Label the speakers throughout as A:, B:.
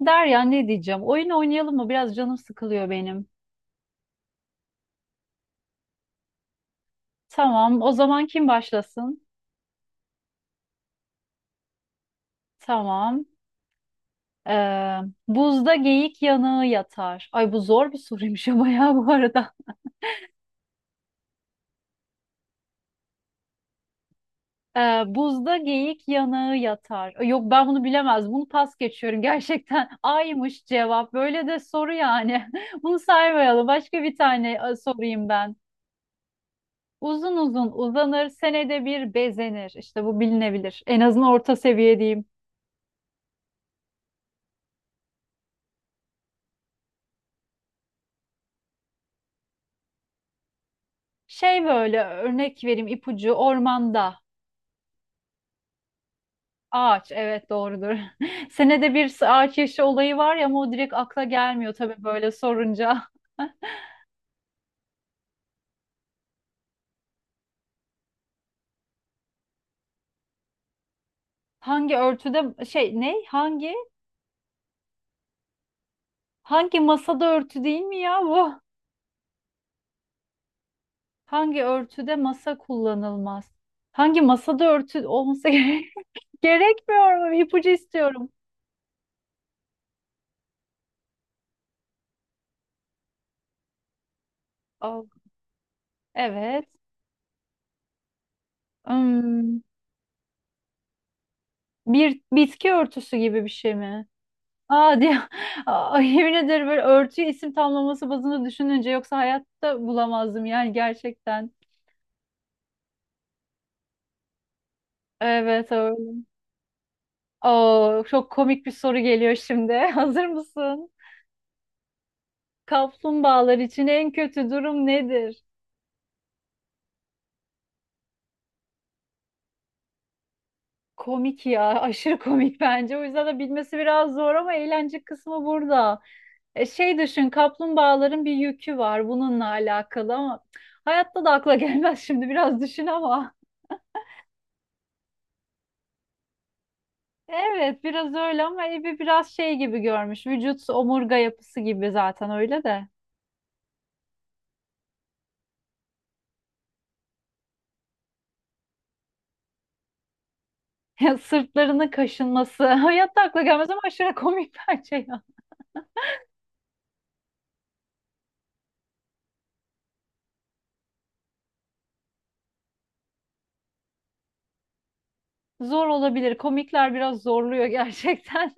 A: Derya, ne diyeceğim? Oyun oynayalım mı? Biraz canım sıkılıyor benim. Tamam. O zaman kim başlasın? Tamam. Ee, buzda geyik yanığı yatar. Ay, bu zor bir soruymuş ama ya bu arada. Buzda geyik yanığı yatar. Ay, yok, ben bunu bilemez. Bunu pas geçiyorum. Gerçekten aymış cevap. Böyle de soru yani. Bunu saymayalım. Başka bir tane sorayım ben. Uzun uzun uzanır, senede bir bezenir. İşte bu bilinebilir. En azından orta seviye diyeyim. Şey, böyle örnek vereyim, ipucu: ormanda ağaç, evet, doğrudur. Senede bir ağaç yaşı olayı var ya, ama o direkt akla gelmiyor tabii böyle sorunca. Hangi örtüde şey, ne, hangi, hangi masada örtü, değil mi ya bu? Hangi örtüde masa kullanılmaz? Hangi masada örtü olması gerekmiyor mu? İpucu istiyorum. Al. Evet. Hmm, bir bitki örtüsü gibi bir şey mi? Aa, diye ay, yemin ederim, böyle örtüyü isim tamlaması bazında düşününce yoksa hayatta bulamazdım yani gerçekten. Evet, öyle. Oo, çok komik bir soru geliyor şimdi. Hazır mısın? Kaplumbağalar için en kötü durum nedir? Komik ya, aşırı komik bence. O yüzden de bilmesi biraz zor, ama eğlence kısmı burada. Şey, düşün, kaplumbağaların bir yükü var bununla alakalı, ama hayatta da akla gelmez şimdi, biraz düşün ama. Evet, biraz öyle, ama evi biraz şey gibi görmüş. Vücut omurga yapısı gibi zaten, öyle de. sırtlarının kaşınması. Hayatta akla gelmez ama aşırı komik bence ya. Zor olabilir. Komikler biraz zorluyor gerçekten.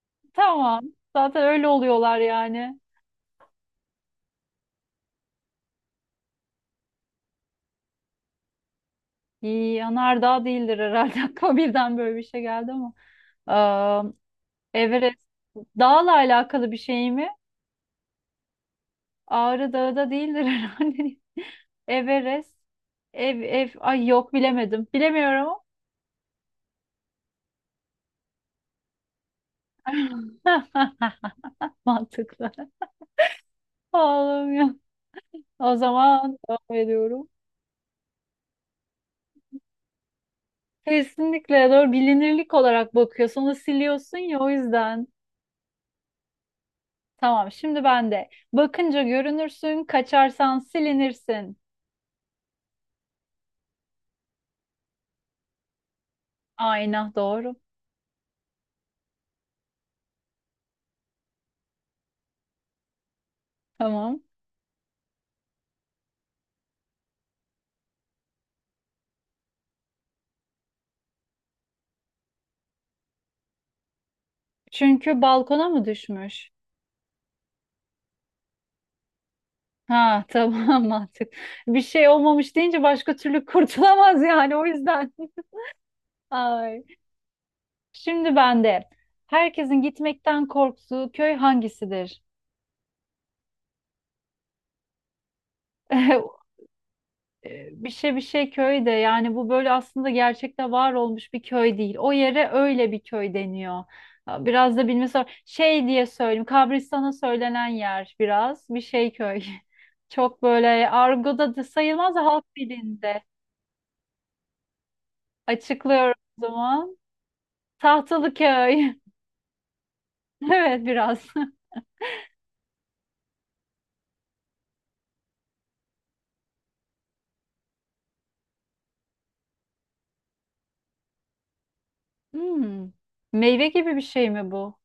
A: Tamam. Zaten öyle oluyorlar yani. İyi, yanardağ değildir herhalde. Aklıma birden böyle bir şey geldi ama. Everest dağla alakalı bir şey mi? Ağrı Dağı da değildir herhalde. Everest. Ev, ev. Ay, yok, bilemedim. Bilemiyorum. Mantıklı. Oğlum ya. O zaman devam ediyorum. Kesinlikle doğru, bilinirlik olarak bakıyorsun. Onu siliyorsun ya, o yüzden. Tamam, şimdi ben de. Bakınca görünürsün, kaçarsan silinirsin. Ayna, doğru. Tamam. Çünkü balkona mı düşmüş? Ha, tamam, mantık. Bir şey olmamış deyince başka türlü kurtulamaz yani, o yüzden. Ay. Şimdi ben de. Herkesin gitmekten korktuğu köy hangisidir? Bir şey bir şey köy de, yani bu böyle aslında gerçekte var olmuş bir köy değil. O yere öyle bir köy deniyor. Ha, biraz da bilmesi var. Şey diye söyleyeyim. Kabristan'a söylenen yer biraz. Bir şey köy. Çok böyle argoda da sayılmaz, da halk dilinde. Açıklıyorum o zaman. Tahtalıköy. Evet biraz. Hmm. Meyve gibi bir şey mi bu?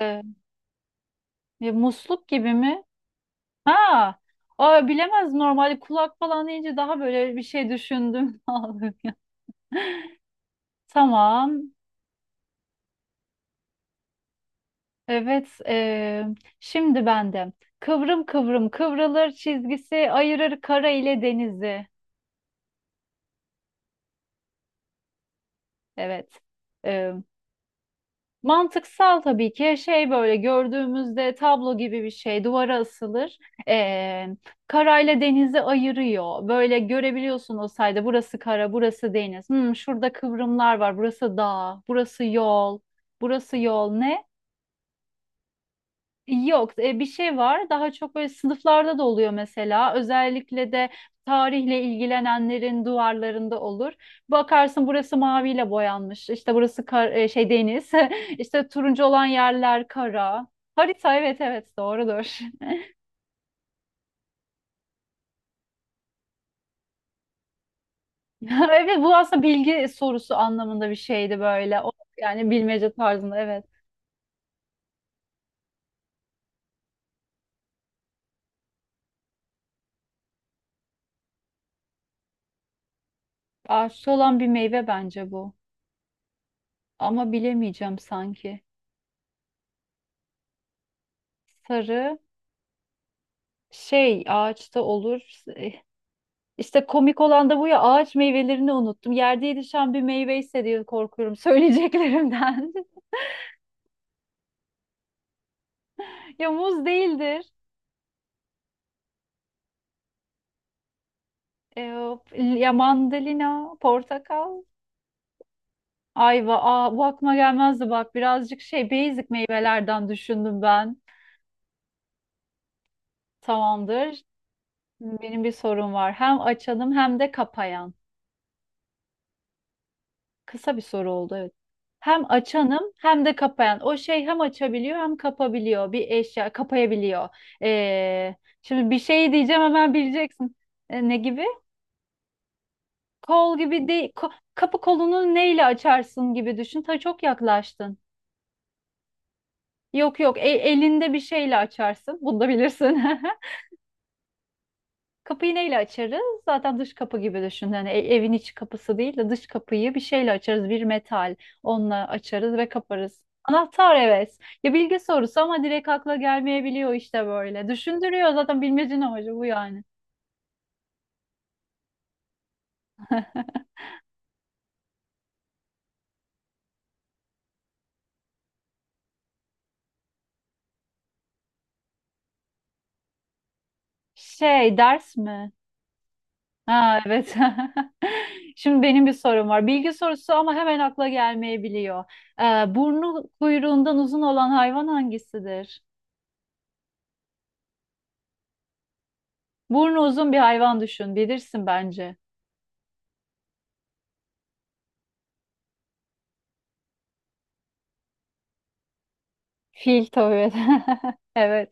A: Ee, ya musluk gibi mi? Ha. Aa, bilemez normalde, kulak falan deyince daha böyle bir şey düşündüm. Tamam. Evet. Şimdi bende. Kıvrım kıvrım kıvrılır, çizgisi ayırır kara ile denizi. Evet. e, Mantıksal tabii ki, şey, böyle gördüğümüzde tablo gibi bir şey duvara asılır. Ee, karayla denizi ayırıyor. Böyle görebiliyorsun o sayede burası kara, burası deniz. Hmm, şurada kıvrımlar var, burası dağ, burası yol, burası yol ne? Yok, bir şey var. Daha çok böyle sınıflarda da oluyor mesela. Özellikle de tarihle ilgilenenlerin duvarlarında olur. Bakarsın, burası maviyle boyanmış. İşte burası şey, deniz. İşte turuncu olan yerler kara. Harita, evet evet, doğrudur. Evet, bu aslında bilgi sorusu anlamında bir şeydi böyle. O, yani bilmece tarzında, evet. Ağaçta olan bir meyve bence bu. Ama bilemeyeceğim sanki. Sarı şey, ağaçta olur. İşte komik olan da bu ya, ağaç meyvelerini unuttum. Yerde yetişen bir meyve ise diye korkuyorum söyleyeceklerimden. Ya muz değildir. Ee, ya mandalina, portakal, ayva. Aa, bu aklıma gelmezdi bak. Birazcık şey, basic meyvelerden düşündüm ben. Tamamdır. Benim bir sorum var. Hem açanım hem de kapayan. Kısa bir soru oldu, evet. Hem açanım hem de kapayan. O şey, hem açabiliyor hem kapabiliyor. Bir eşya kapayabiliyor. Ee, şimdi bir şey diyeceğim, hemen bileceksin. Ne gibi? Kol gibi değil. Kapı kolunu neyle açarsın gibi düşün. Ta çok yaklaştın. Yok yok, elinde bir şeyle açarsın. Bunu da bilirsin. Kapıyı neyle açarız? Zaten dış kapı gibi düşün. Yani evin iç kapısı değil de dış kapıyı bir şeyle açarız. Bir metal. Onunla açarız ve kaparız. Anahtar, evet. Ya, bilgi sorusu ama direkt akla gelmeyebiliyor işte böyle. Düşündürüyor zaten, bilmecenin amacı bu yani. Şey, ders mi? Ha, evet. Şimdi benim bir sorum var. Bilgi sorusu ama hemen akla gelmeyebiliyor. Burnu kuyruğundan uzun olan hayvan hangisidir? Burnu uzun bir hayvan düşün. Bilirsin bence. Fil, tabii. Evet.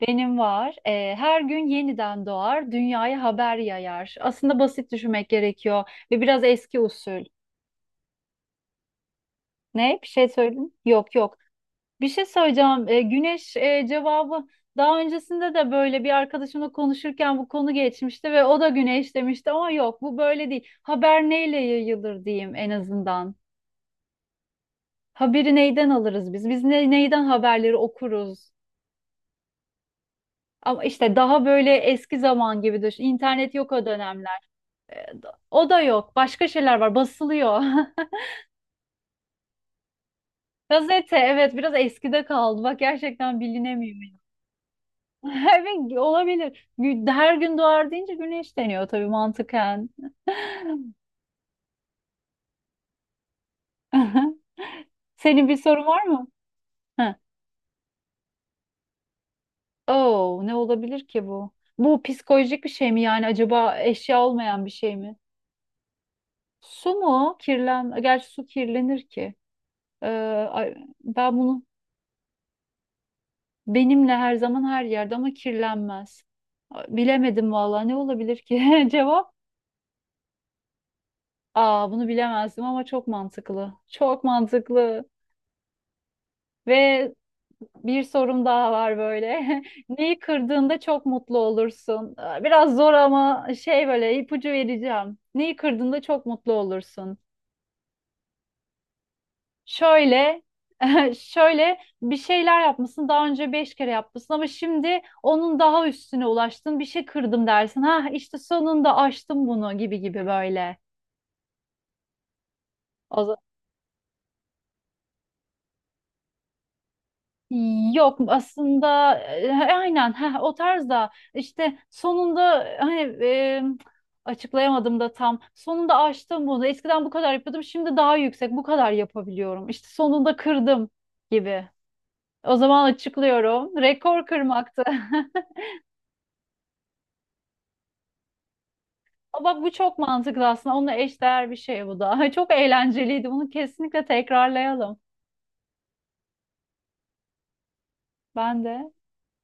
A: Benim var. Her gün yeniden doğar, dünyaya haber yayar. Aslında basit düşünmek gerekiyor ve biraz eski usul. Ne? Bir şey söyledim. Yok yok. Bir şey söyleyeceğim. Güneş, cevabı daha öncesinde de böyle bir arkadaşımla konuşurken bu konu geçmişti ve o da güneş demişti, ama yok, bu böyle değil. Haber neyle yayılır diyeyim en azından. Haberi neyden alırız biz? Biz ne, neyden haberleri okuruz? Ama işte daha böyle eski zaman gibi düşün. İnternet yok o dönemler. Ee, O da yok. Başka şeyler var. Basılıyor. Gazete, evet, biraz eskide kaldı. Bak, gerçekten bilinemiyor. Evet, olabilir. Her gün doğar deyince güneş deniyor tabii, mantıken. Senin bir sorun var mı? Heh. Oo, ne olabilir ki bu? Bu psikolojik bir şey mi yani, acaba eşya olmayan bir şey mi? Su mu? Kirlen, gerçi su kirlenir ki. Ee, ay- ben bunu, benimle her zaman her yerde ama kirlenmez. Bilemedim vallahi, ne olabilir ki? Cevap. Aa, bunu bilemezdim ama çok mantıklı. Çok mantıklı. Ve bir sorum daha var böyle. Neyi kırdığında çok mutlu olursun? Aa, biraz zor ama şey, böyle ipucu vereceğim. Neyi kırdığında çok mutlu olursun? Şöyle, şöyle bir şeyler yapmışsın. Daha önce 5 kere yapmışsın ama şimdi onun daha üstüne ulaştın. Bir şey kırdım dersin. Ha, işte sonunda aştım bunu gibi gibi böyle. O za- Yok aslında, aynen, ha, o tarzda, işte sonunda, hani, açıklayamadım da tam, sonunda aştım bunu, eskiden bu kadar yapıyordum, şimdi daha yüksek, bu kadar yapabiliyorum, işte sonunda kırdım gibi, o zaman açıklıyorum, rekor kırmaktı. Aa, bak, bu çok mantıklı aslında. Onunla eşdeğer bir şey bu da. Çok eğlenceliydi. Bunu kesinlikle tekrarlayalım. Ben de